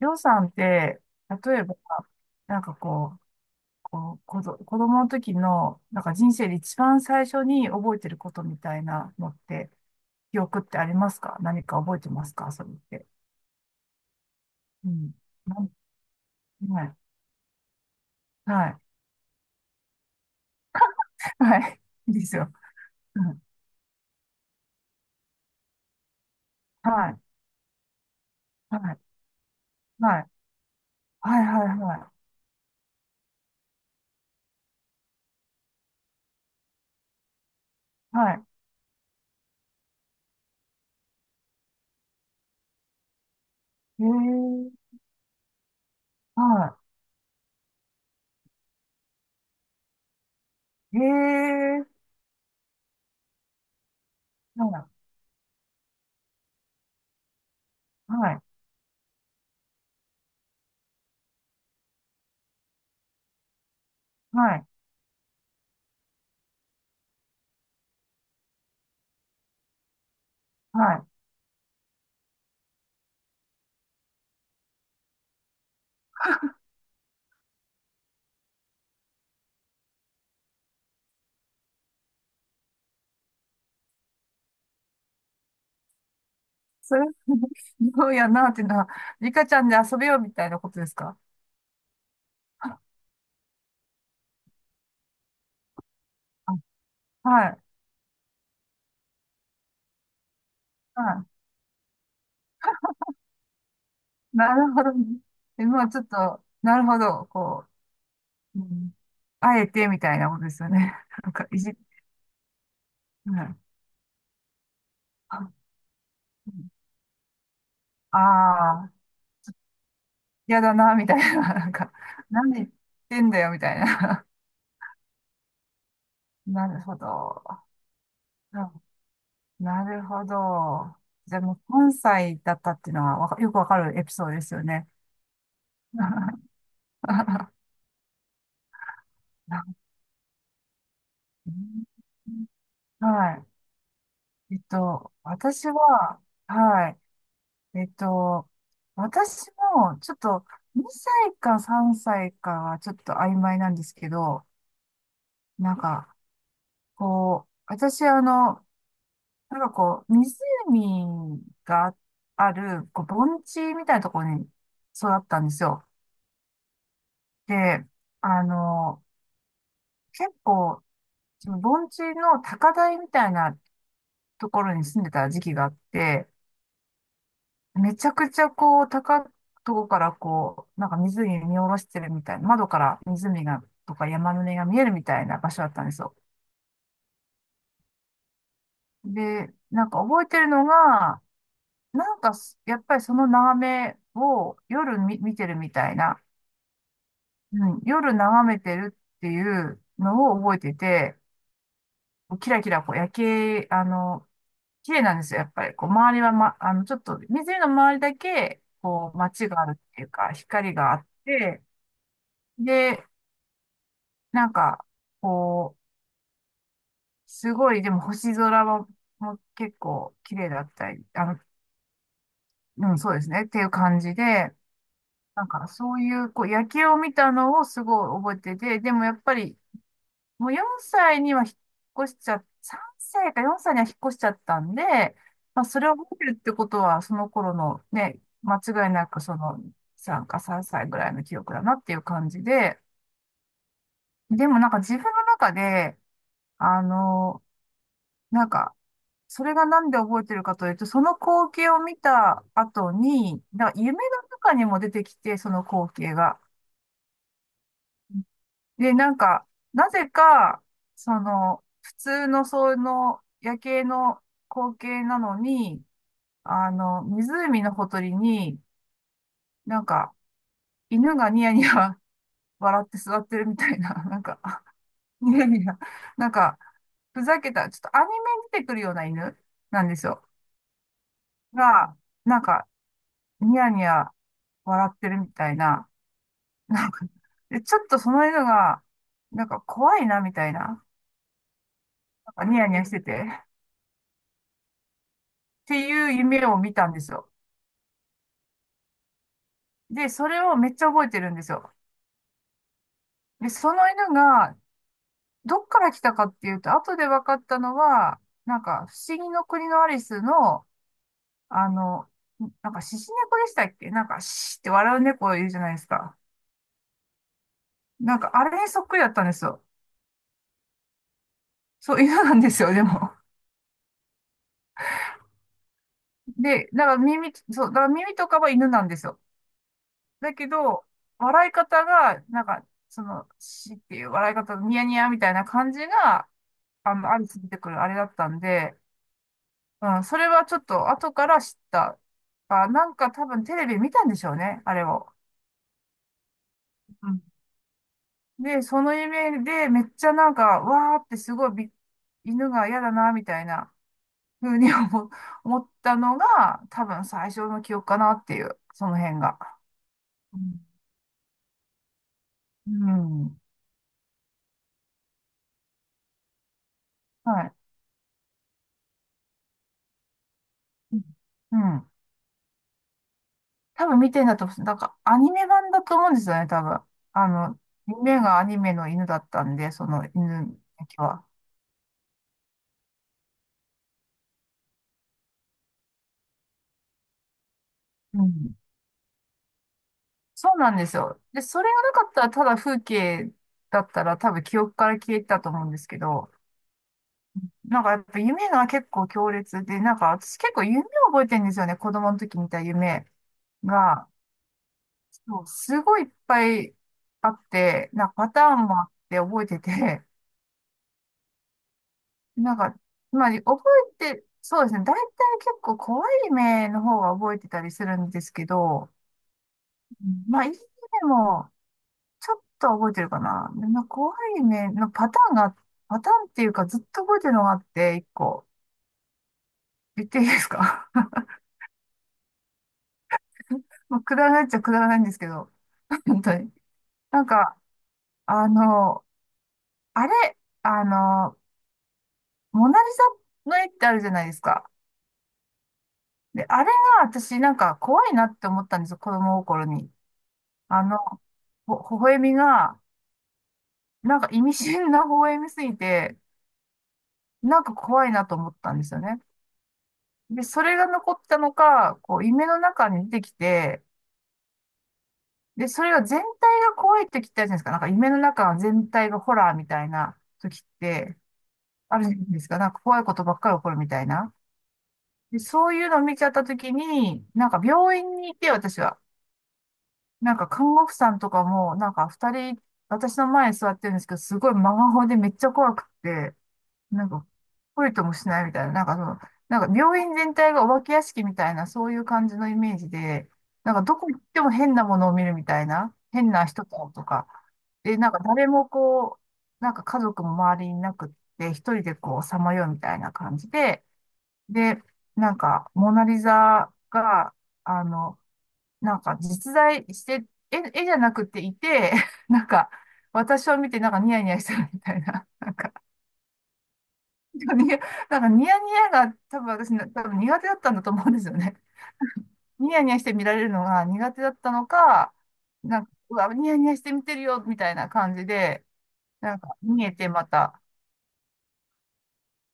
りょうさんって、例えば、なんかこう、子供の時の、なんか人生で一番最初に覚えてることみたいなのって、記憶ってありますか？何か覚えてますか、それって。うん。なん、はい。はい。はい。いいですよ。うん。はい。はい。はい。はい。はい。はい。はい。へえ。はい。へえ。はい。はい。はい。はい。それ、どうやなっていうのは、リカちゃんで遊べよみたいなことですか？はい。はい。なるほどね。え、まあちょっと、なるほど、う、うん、あえてみたいなことですよね。なんか、いじ、はい。ああー、嫌だな、みたいな。なんか、なんで言ってんだよ、みたいな。なるほど。うん、なるほど。じゃあもう関西だったっていうのは、わかよくわかるエピソードですよね。はい。えっと、私は、はい。えっと、私も、ちょっと、2歳か3歳かはちょっと曖昧なんですけど、なんか、私、湖がある、こう、盆地みたいなところに育ったんですよ。で、あの、結構、その盆地の高台みたいなところに住んでた時期があって、めちゃくちゃこう、高いとこからこう、なんか湖見下ろしてるみたいな、窓から湖が、とか山の根が見えるみたいな場所だったんですよ。で、なんか覚えてるのが、なんかすやっぱりその眺めを見てるみたいな、うん、夜眺めてるっていうのを覚えてて、キラキラこう夜景、あの、綺麗なんですよ、やっぱり。こう、周りは、ま、あの、ちょっと、湖の周りだけ、こう、街があるっていうか、光があって、で、なんか、こう、すごい、でも星空も結構綺麗だったり、あの、うん、そうですね、っていう感じで、なんかそういう、こう、夜景を見たのをすごい覚えてて、でもやっぱり、もう4歳には引っ越しちゃ、3歳か4歳には引っ越しちゃったんで、まあ、それを覚えてるってことは、その頃のね、間違いなくその3歳ぐらいの記憶だなっていう感じで、でもなんか自分の中で、あの、なんか、それがなんで覚えてるかというと、その光景を見た後に、だから夢の中にも出てきて、その光景が。で、なんか、なぜか、その、普通のその夜景の光景なのに、あの、湖のほとりに、なんか、犬がニヤニヤ 笑って座ってるみたいな、ニヤニヤ、なんか、ふざけた、ちょっとアニメに出てくるような犬なんですよ。が、なんか、ニヤニヤ笑ってるみたいな、なんか、で、ちょっとその犬が、なんか怖いなみたいな、なんかニヤニヤしてて、っていう夢を見たんですよ。で、それをめっちゃ覚えてるんですよ。で、その犬が、どっから来たかっていうと、後で分かったのは、なんか、不思議の国のアリスの、あの、なんか、獅子猫でしたっけ？なんか、シーって笑う猫いるじゃないですか。なんか、あれにそっくりだったんですよ。そう、犬なんですよ、でも。で、だから耳とかは犬なんですよ。だけど、笑い方が、なんか、その、しっていう笑い方、ニヤニヤみたいな感じが、あの、アリス出てくるあれだったんで、うん、それはちょっと後から知った。あ、なんか多分テレビ見たんでしょうね、あれを。うん。で、その夢でめっちゃなんか、わーってすごいび犬が嫌だな、みたいな風に思思ったのが、多分最初の記憶かなっていう、その辺が。うん。うん。はい。うん。うん、多分見てんだと思う。なんかアニメ版だと思うんですよね、多分。あの、夢がアニメの犬だったんで、その犬だけは。うん。そうなんですよ。で、それがなかったらただ風景だったら多分記憶から消えてたと思うんですけど、なんかやっぱ夢が結構強烈で、なんか私結構夢を覚えてるんですよね、子供の時見た夢が。そう、すごいいっぱいあって、なんかパターンもあって覚えてて、なんか、まあ、覚えて、そうですね。大体結構怖い目の方が覚えてたりするんですけど、うん、まあ、いい目もちょっと覚えてるかな。でまあ怖い目のパターンが、パターンっていうかずっと覚えてるのがあって、一個。言っていいですか？ まあ、くだらないっちゃくだらないんですけど、本当に。なんか、あの、あれ、あの、モナリザの絵ってあるじゃないですか。で、あれが私なんか怖いなって思ったんですよ、子供心に。あの、微笑みが、なんか意味深な微笑みすぎて、なんか怖いなと思ったんですよね。で、それが残ったのか、こう、夢の中に出てきて、で、それが全体が怖いって聞いたじゃないですか。なんか夢の中全体がホラーみたいな時って、あるじゃないですか。なんか怖いことばっかり起こるみたいな。で、そういうのを見ちゃった時に、なんか病院にいて、私は。なんか看護婦さんとかも、なんか二人、私の前に座ってるんですけど、すごい真顔でめっちゃ怖くって、なんか、懲りともしないみたいな、なんか病院全体がお化け屋敷みたいな、そういう感じのイメージで、なんかどこ行っても変なものを見るみたいな、変な人ととか、で、なんか誰もこう、なんか家族も周りにいなくって、一人でこう、さまようみたいな感じで、で、なんか、モナリザが、あの、なんか実在して、絵じゃなくていて、なんか、私を見てなんかニヤニヤしてるみたいな、なんかニヤニヤが多分苦手だったんだと思うんですよね。ニヤニヤして見られるのが苦手だったのか、なんか、うわ、ニヤニヤして見てるよ、みたいな感じで、なんか、見えてまた。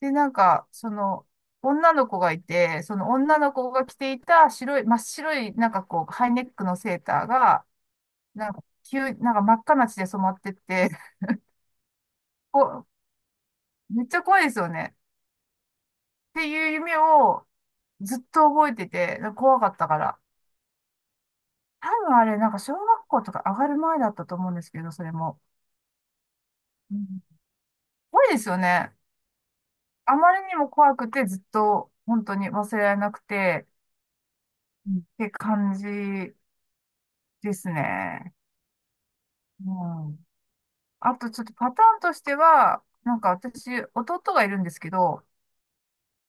で、なんか、その、女の子がいて、その女の子が着ていた白い、真っ白い、なんかこう、ハイネックのセーターが、なんか真っ赤な血で染まってって、こう、めっちゃ怖いですよね。っていう夢をずっと覚えてて、怖かったから。多分あれ、なんか小学校とか上がる前だったと思うんですけど、それも。うん、怖いですよね。あまりにも怖くてずっと本当に忘れられなくて、うんって感じですね。うん。あとちょっとパターンとしては、なんか私、弟がいるんですけど、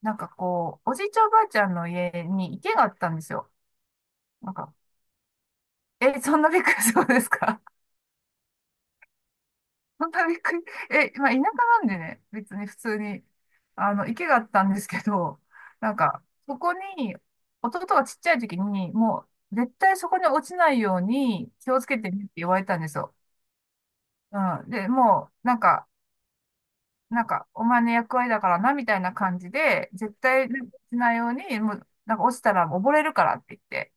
なんかこう、おじいちゃんおばあちゃんの家に池があったんですよ。なんか、え、そんなびっくりするんですか？本当にびっくり。え、まあ、田舎なんでね、別に普通に、あの、池があったんですけど、なんか、そこに、弟がちっちゃい時に、もう、絶対そこに落ちないように気をつけてねって言われたんですよ。うん。で、もう、なんか、お前の役割だからな、みたいな感じで、絶対ね落ちないように、もう、なんか落ちたら溺れるからって言って。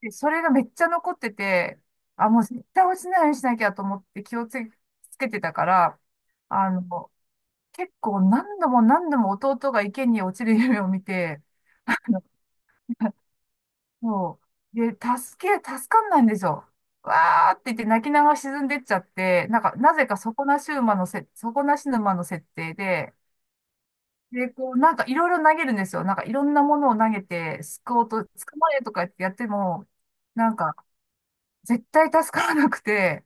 で、それがめっちゃ残ってて、あ、もう絶対落ちないようにしなきゃと思って気をつけてたから、あの、結構何度も何度も弟が池に落ちる夢を見て、そう。で、助かんないんですよ。わーって言って泣きながら沈んでっちゃって、なんか、なぜか底なし沼の設定で、で、こう、なんかいろいろ投げるんですよ。なんかいろんなものを投げて、救おうと、捕まえとかやってやっても、なんか、絶対助からなくて、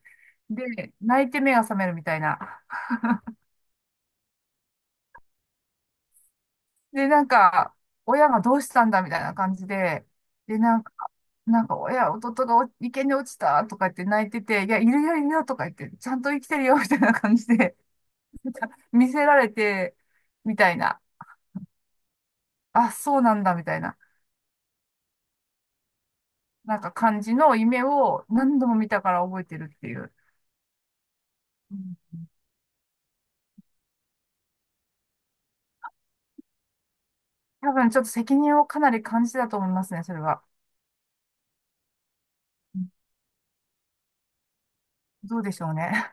で、泣いて目が覚めるみたいな。で、なんか、親がどうしたんだみたいな感じで、で、なんか、弟がお池に落ちたとか言って泣いてて、いや、いるよ、いるよとか言って、ちゃんと生きてるよみたいな感じで 見せられて、みたいな、あ、そうなんだみたいな、なんか感じの夢を何度も見たから覚えてるっていう。うん、多分ちょっと責任をかなり感じたと思いますね、それは。うん、どうでしょうね。